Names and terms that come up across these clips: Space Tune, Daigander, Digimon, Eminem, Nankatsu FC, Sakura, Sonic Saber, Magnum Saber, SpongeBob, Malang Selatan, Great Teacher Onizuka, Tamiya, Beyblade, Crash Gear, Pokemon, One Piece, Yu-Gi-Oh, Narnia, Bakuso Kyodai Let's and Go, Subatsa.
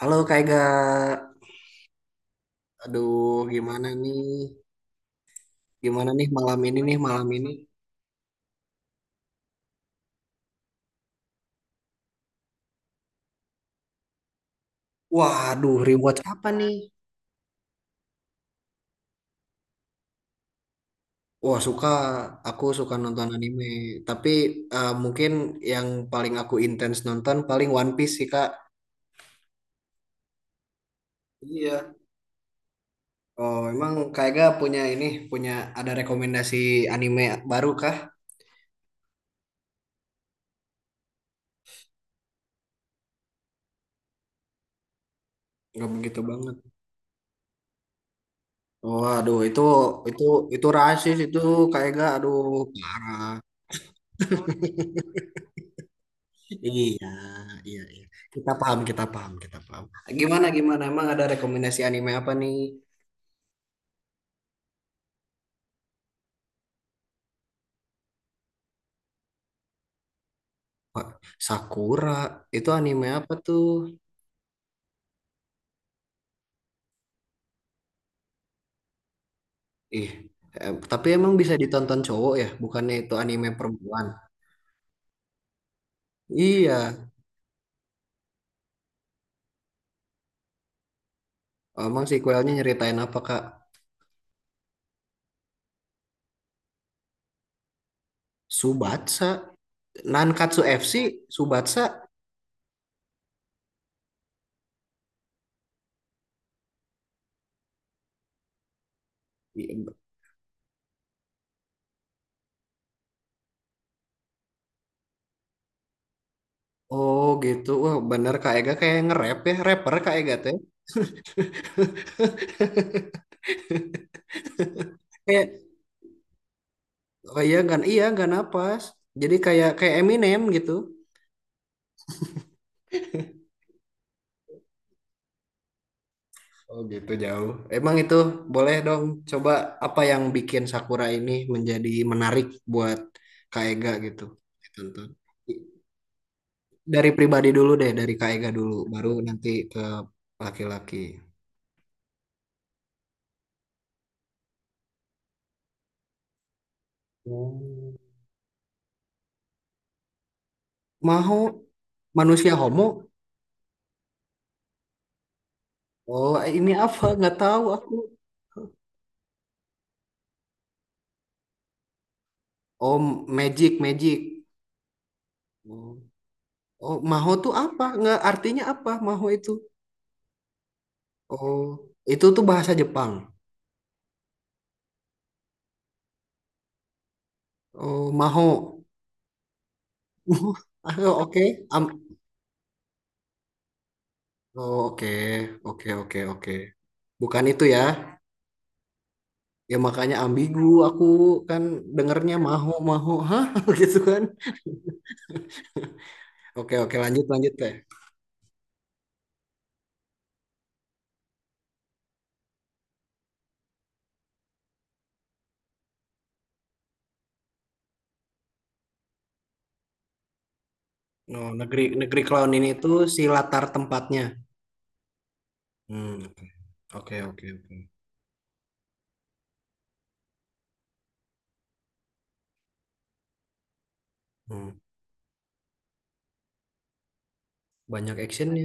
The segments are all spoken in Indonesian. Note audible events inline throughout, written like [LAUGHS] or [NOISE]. Halo Kak Ega, aduh gimana nih? Gimana nih malam ini nih malam ini? Waduh, rewatch apa nih? Wah suka, aku suka nonton anime. Tapi mungkin yang paling aku intens nonton paling One Piece sih Kak. Iya. Oh emang Kak Ega punya ini, punya ada rekomendasi anime baru kah? Nggak begitu banget. Waduh itu itu itu rasis itu Kak Ega, aduh parah. [LAUGHS] Iya, iya, iya. Kita paham, kita paham, kita paham. Gimana, gimana? Emang ada rekomendasi anime apa nih? Wah, Sakura, itu anime apa tuh? Ih, eh, tapi emang bisa ditonton cowok ya? Bukannya itu anime perempuan? Iya, emang sequelnya nyeritain apa, Kak? Subatsa, Nankatsu FC, Subatsa. Oh gitu, wah bener Kak Ega kayak nge-rap ya, rapper Kak Ega teh. Kayak, oh iya, gak napas. Jadi kayak kayak Eminem gitu. Oh gitu jauh. Emang itu boleh dong coba apa yang bikin Sakura ini menjadi menarik buat Kak Ega gitu. Ditonton. Dari pribadi dulu deh, dari Kak Ega dulu, baru nanti ke laki-laki. Oh. Mau manusia homo? Oh ini apa? Nggak tahu aku. Oh magic magic. Oh, oh maho tuh apa? Nggak artinya apa maho itu? Oh itu tuh bahasa Jepang. Oh maho. [LAUGHS] Ah, oke. Am- oh, oke, oke, oke, oke. Bukan itu ya. Ya makanya ambigu aku kan dengernya maho maho, hah [LAUGHS] gitu kan. Oke, oke, lanjut lanjut teh. Oh, negeri negeri clown ini tuh si latar tempatnya. Hmm, oke, oke, oke. Hmm, banyak actionnya.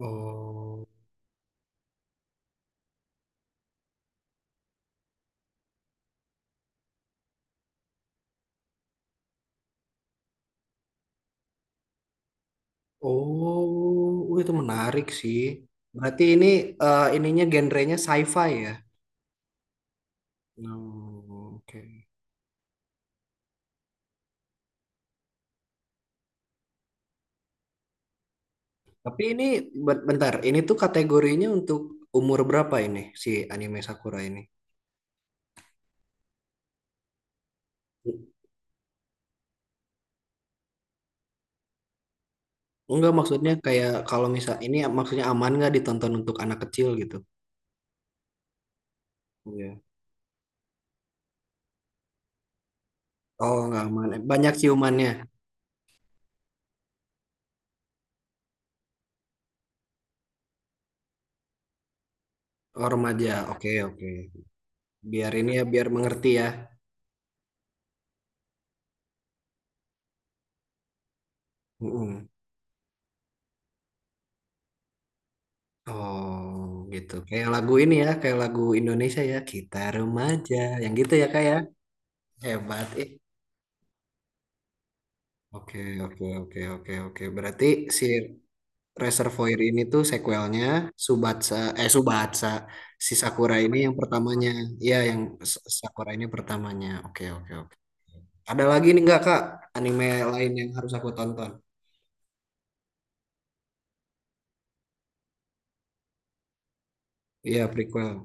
Oh, oh, itu menarik sih. Berarti ini ininya genrenya sci-fi ya. Oh, oke. Tapi ini bentar, ini tuh kategorinya untuk umur berapa ini si anime Sakura ini? Enggak maksudnya kayak kalau misal ini maksudnya aman nggak ditonton untuk anak kecil gitu? Iya. Oh nggak aman, banyak ciumannya. Oh remaja, oke oke. Biar ini ya biar mengerti ya. Mm-mm. Oh gitu. Kayak lagu ini ya, kayak lagu Indonesia ya. Kita remaja, yang gitu ya kayak hebat. Eh, oke oke oke oke oke. Berarti si Reservoir ini tuh sequelnya Subatsa Subatsa si Sakura ini yang pertamanya ya yang Sakura ini pertamanya oke oke oke ada lagi nih nggak Kak anime lain yang harus aku tonton iya prequel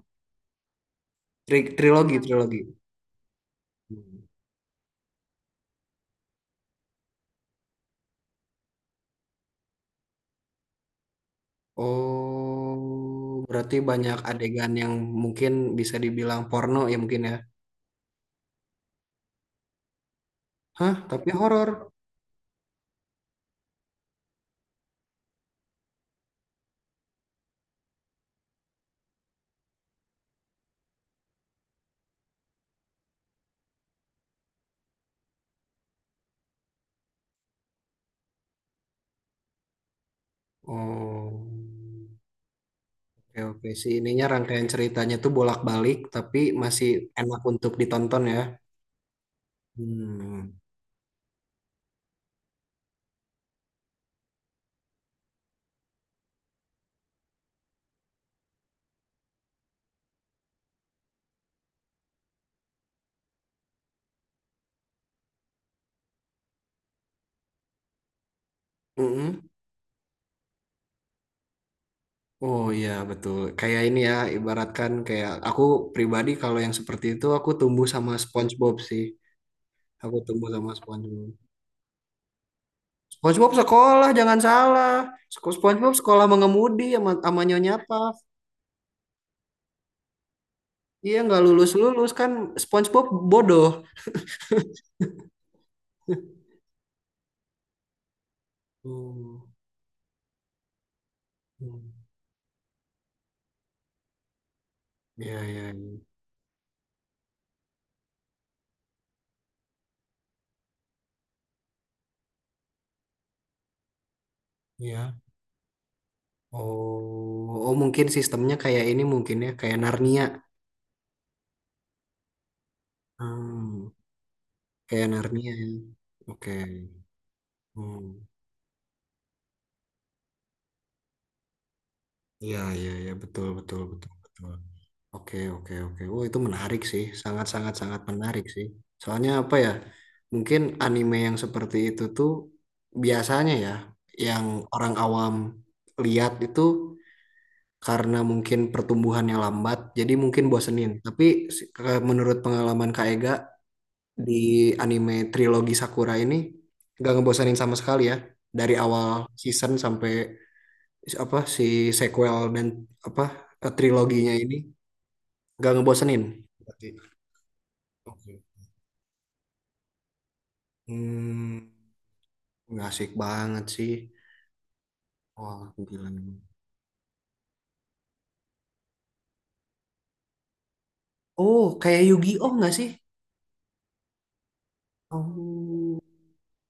Trilogi trilogi. Hmm. Oh berarti banyak adegan yang mungkin bisa dibilang porno ya mungkin ya hah tapi horor oh. Oke, oke sih ininya rangkaian ceritanya tuh bolak-balik tapi masih enak untuk ditonton ya. Hmm. Mm-mm. Oh iya betul. Kayak ini ya, ibaratkan kayak aku pribadi kalau yang seperti itu aku tumbuh sama SpongeBob sih. Aku tumbuh sama SpongeBob. SpongeBob sekolah, jangan salah. SpongeBob sekolah mengemudi sama, sama Nyonya Puff. Iya nggak lulus lulus kan SpongeBob bodoh. Hmm. Hmm. Iya iya iya. Iya. Oh, oh mungkin sistemnya kayak ini mungkin ya kayak Narnia. Hmm. Kayak Narnia ya. Oke. Hmm. Iya, iya, iya, betul, betul, betul, betul. Oke, oke, oke. Oh, itu menarik sih. Sangat, sangat, sangat menarik sih. Soalnya apa ya? Mungkin anime yang seperti itu tuh biasanya ya, yang orang awam lihat itu karena mungkin pertumbuhannya lambat, jadi mungkin bosenin. Tapi menurut pengalaman Kak Ega di anime trilogi Sakura ini nggak ngebosenin sama sekali ya. Dari awal season sampai apa si sequel dan apa triloginya ini gak ngebosenin. Berarti. Oke. Hmm, nggak asik banget sih. Wah, gila. Memang. Oh, kayak Yu-Gi-Oh nggak sih? Oh,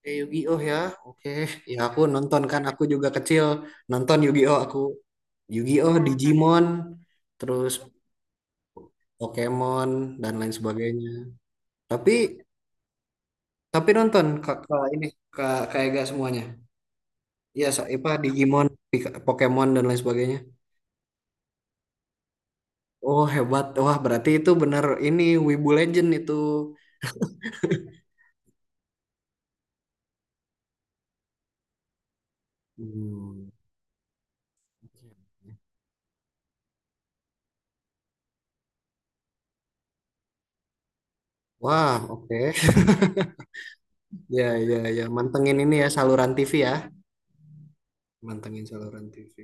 kayak Yu-Gi-Oh ya. Oke, ya aku nonton kan. Aku juga kecil nonton Yu-Gi-Oh. Aku Yu-Gi-Oh, Digimon, terus Pokemon dan lain sebagainya. Tapi nonton kak ini kak kayak gak semuanya. Iya, Saipah, Digimon, Pokemon dan lain sebagainya. Oh, hebat. Wah, berarti itu bener ini Wibu Legend itu. Hmm. Wah, oke. [LAUGHS] Ya, ya, ya. Mantengin ini ya saluran TV ya. Mantengin saluran TV.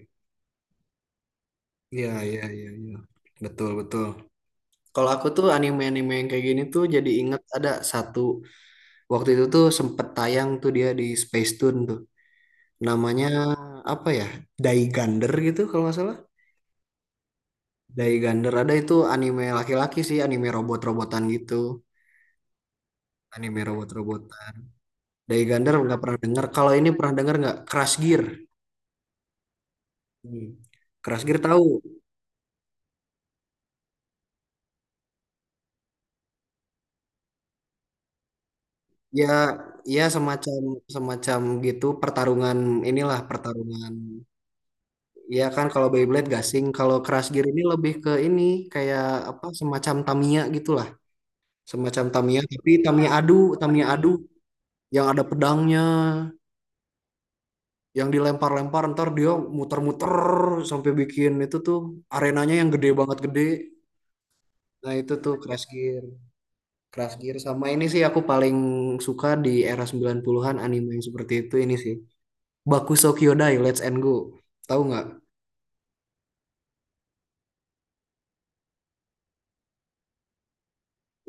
Iya, iya, iya, iya. Betul, betul. Kalau aku tuh anime-anime yang kayak gini tuh jadi inget ada satu waktu itu tuh sempet tayang tuh dia di Space Tune tuh. Namanya apa ya? Daigander gitu kalau nggak salah. Daigander ada itu anime laki-laki sih, anime robot-robotan gitu. Anime robot-robotan. Daigander nggak pernah dengar. Kalau ini pernah dengar nggak? Crash Gear. Hmm. Crash Gear tahu? Ya, ya semacam semacam gitu pertarungan inilah pertarungan. Ya kan kalau Beyblade gasing, kalau Crash Gear ini lebih ke ini kayak apa semacam Tamiya gitulah. Semacam Tamiya tapi Tamiya adu yang ada pedangnya, yang dilempar-lempar ntar dia muter-muter sampai bikin itu tuh arenanya yang gede banget gede. Nah, itu tuh Crash Gear. Crash Gear sama ini sih aku paling suka di era 90-an anime yang seperti itu ini sih. Bakuso Kyodai Let's and Go. Tahu nggak?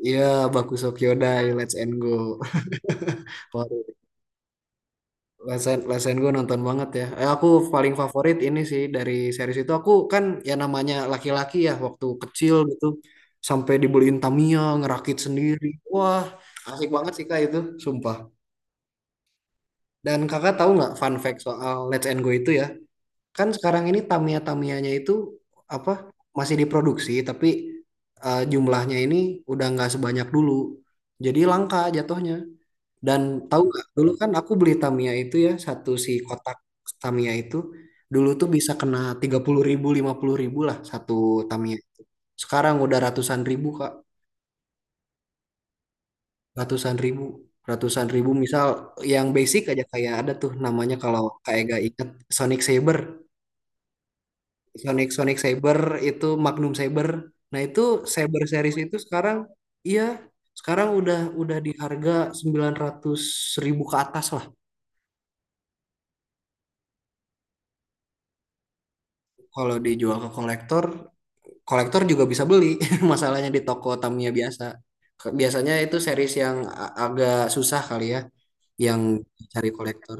Iya, Bakuso Kyodai Let's and Go. [LAUGHS] Wah, lesen, lesen gue nonton banget ya. Eh, aku paling favorit ini sih dari series itu. Aku kan ya namanya laki-laki ya waktu kecil gitu. Sampai dibeliin Tamiya, ngerakit sendiri. Wah, asik banget sih Kak itu, sumpah. Dan kakak tahu nggak fun fact soal Let's and Go itu ya? Kan sekarang ini Tamiya-Tamiyanya itu apa masih diproduksi tapi jumlahnya ini udah nggak sebanyak dulu jadi langka jatuhnya dan tahu nggak dulu kan aku beli Tamiya itu ya satu si kotak Tamiya itu dulu tuh bisa kena 30.000 50.000 lah satu Tamiya itu sekarang udah ratusan ribu Kak ratusan ribu ratusan ribu misal yang basic aja kayak ada tuh namanya kalau Kak Ega ingat Sonic Saber Sonic Sonic Saber itu Magnum Saber. Nah, itu Saber series itu sekarang iya sekarang udah di harga 900.000 ke atas lah. Kalau dijual ke kolektor, kolektor juga bisa beli. [LAUGHS] Masalahnya di toko Tamiya biasa. Biasanya itu series yang agak susah kali ya yang cari kolektor.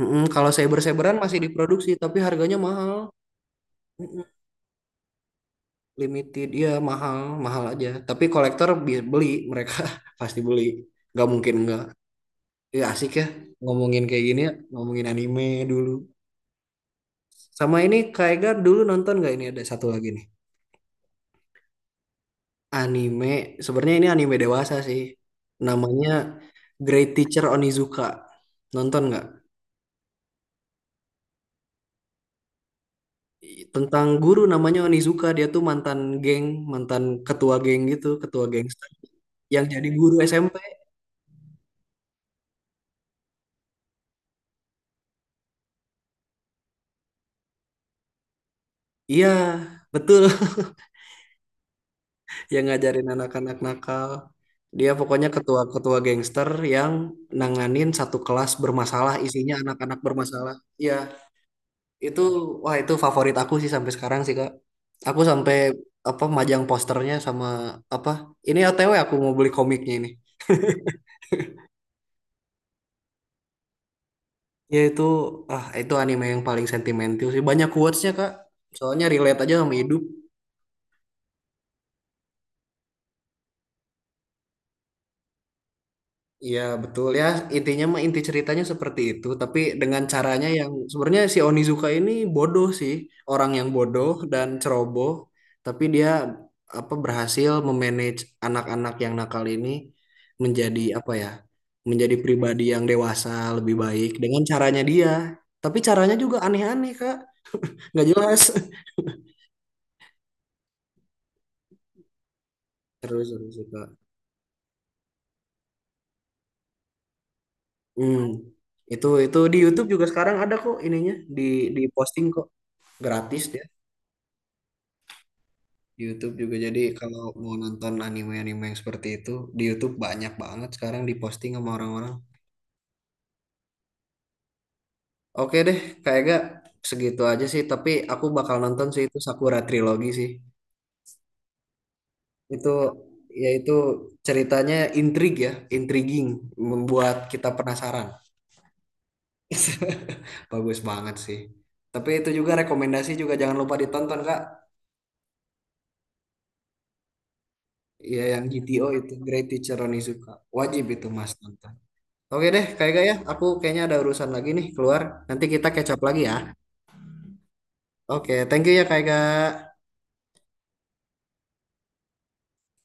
Mm-mm, kalau Saber Saberan masih diproduksi tapi harganya mahal. Limited ya mahal mahal aja tapi kolektor beli mereka [LAUGHS] pasti beli nggak mungkin nggak ya asik ya ngomongin kayak gini ya ngomongin anime dulu sama ini Kak Ega dulu nonton nggak ini ada satu lagi nih anime sebenarnya ini anime dewasa sih namanya Great Teacher Onizuka nonton nggak tentang guru namanya Onizuka dia tuh mantan geng mantan ketua geng gitu ketua gangster yang jadi guru SMP iya betul yang ngajarin anak-anak nakal. Dia pokoknya ketua-ketua gangster yang nanganin satu kelas bermasalah, isinya anak-anak bermasalah. Iya, itu wah itu favorit aku sih sampai sekarang sih, Kak. Aku sampai apa majang posternya sama apa? Ini OTW aku mau beli komiknya ini. Ya itu ah itu anime yang paling sentimental sih. Banyak quotes-nya, Kak. Soalnya relate aja sama hidup. Iya betul ya intinya mah inti ceritanya seperti itu tapi dengan caranya yang sebenarnya si Onizuka ini bodoh sih orang yang bodoh dan ceroboh tapi dia apa berhasil memanage anak-anak yang nakal ini menjadi apa ya menjadi pribadi yang dewasa lebih baik dengan caranya dia tapi caranya juga aneh-aneh Kak nggak jelas [LAUGHS] terus terus Kak hmm. Itu di YouTube juga sekarang ada kok ininya di posting kok gratis. Di YouTube juga jadi kalau mau nonton anime-anime yang seperti itu di YouTube banyak banget sekarang diposting sama orang-orang. Oke deh, Kak Ega segitu aja sih. Tapi aku bakal nonton sih itu Sakura Trilogy sih. Itu yaitu ceritanya intrig ya, intriguing, membuat kita penasaran. [LAUGHS] Bagus banget sih. Tapi itu juga rekomendasi juga jangan lupa ditonton Kak. Ya yang GTO itu Great Teacher Onizuka. Wajib itu Mas nonton. Oke deh, Kak Ega ya. Aku kayaknya ada urusan lagi nih keluar. Nanti kita catch up lagi ya. Oke, thank you ya Kak Ega.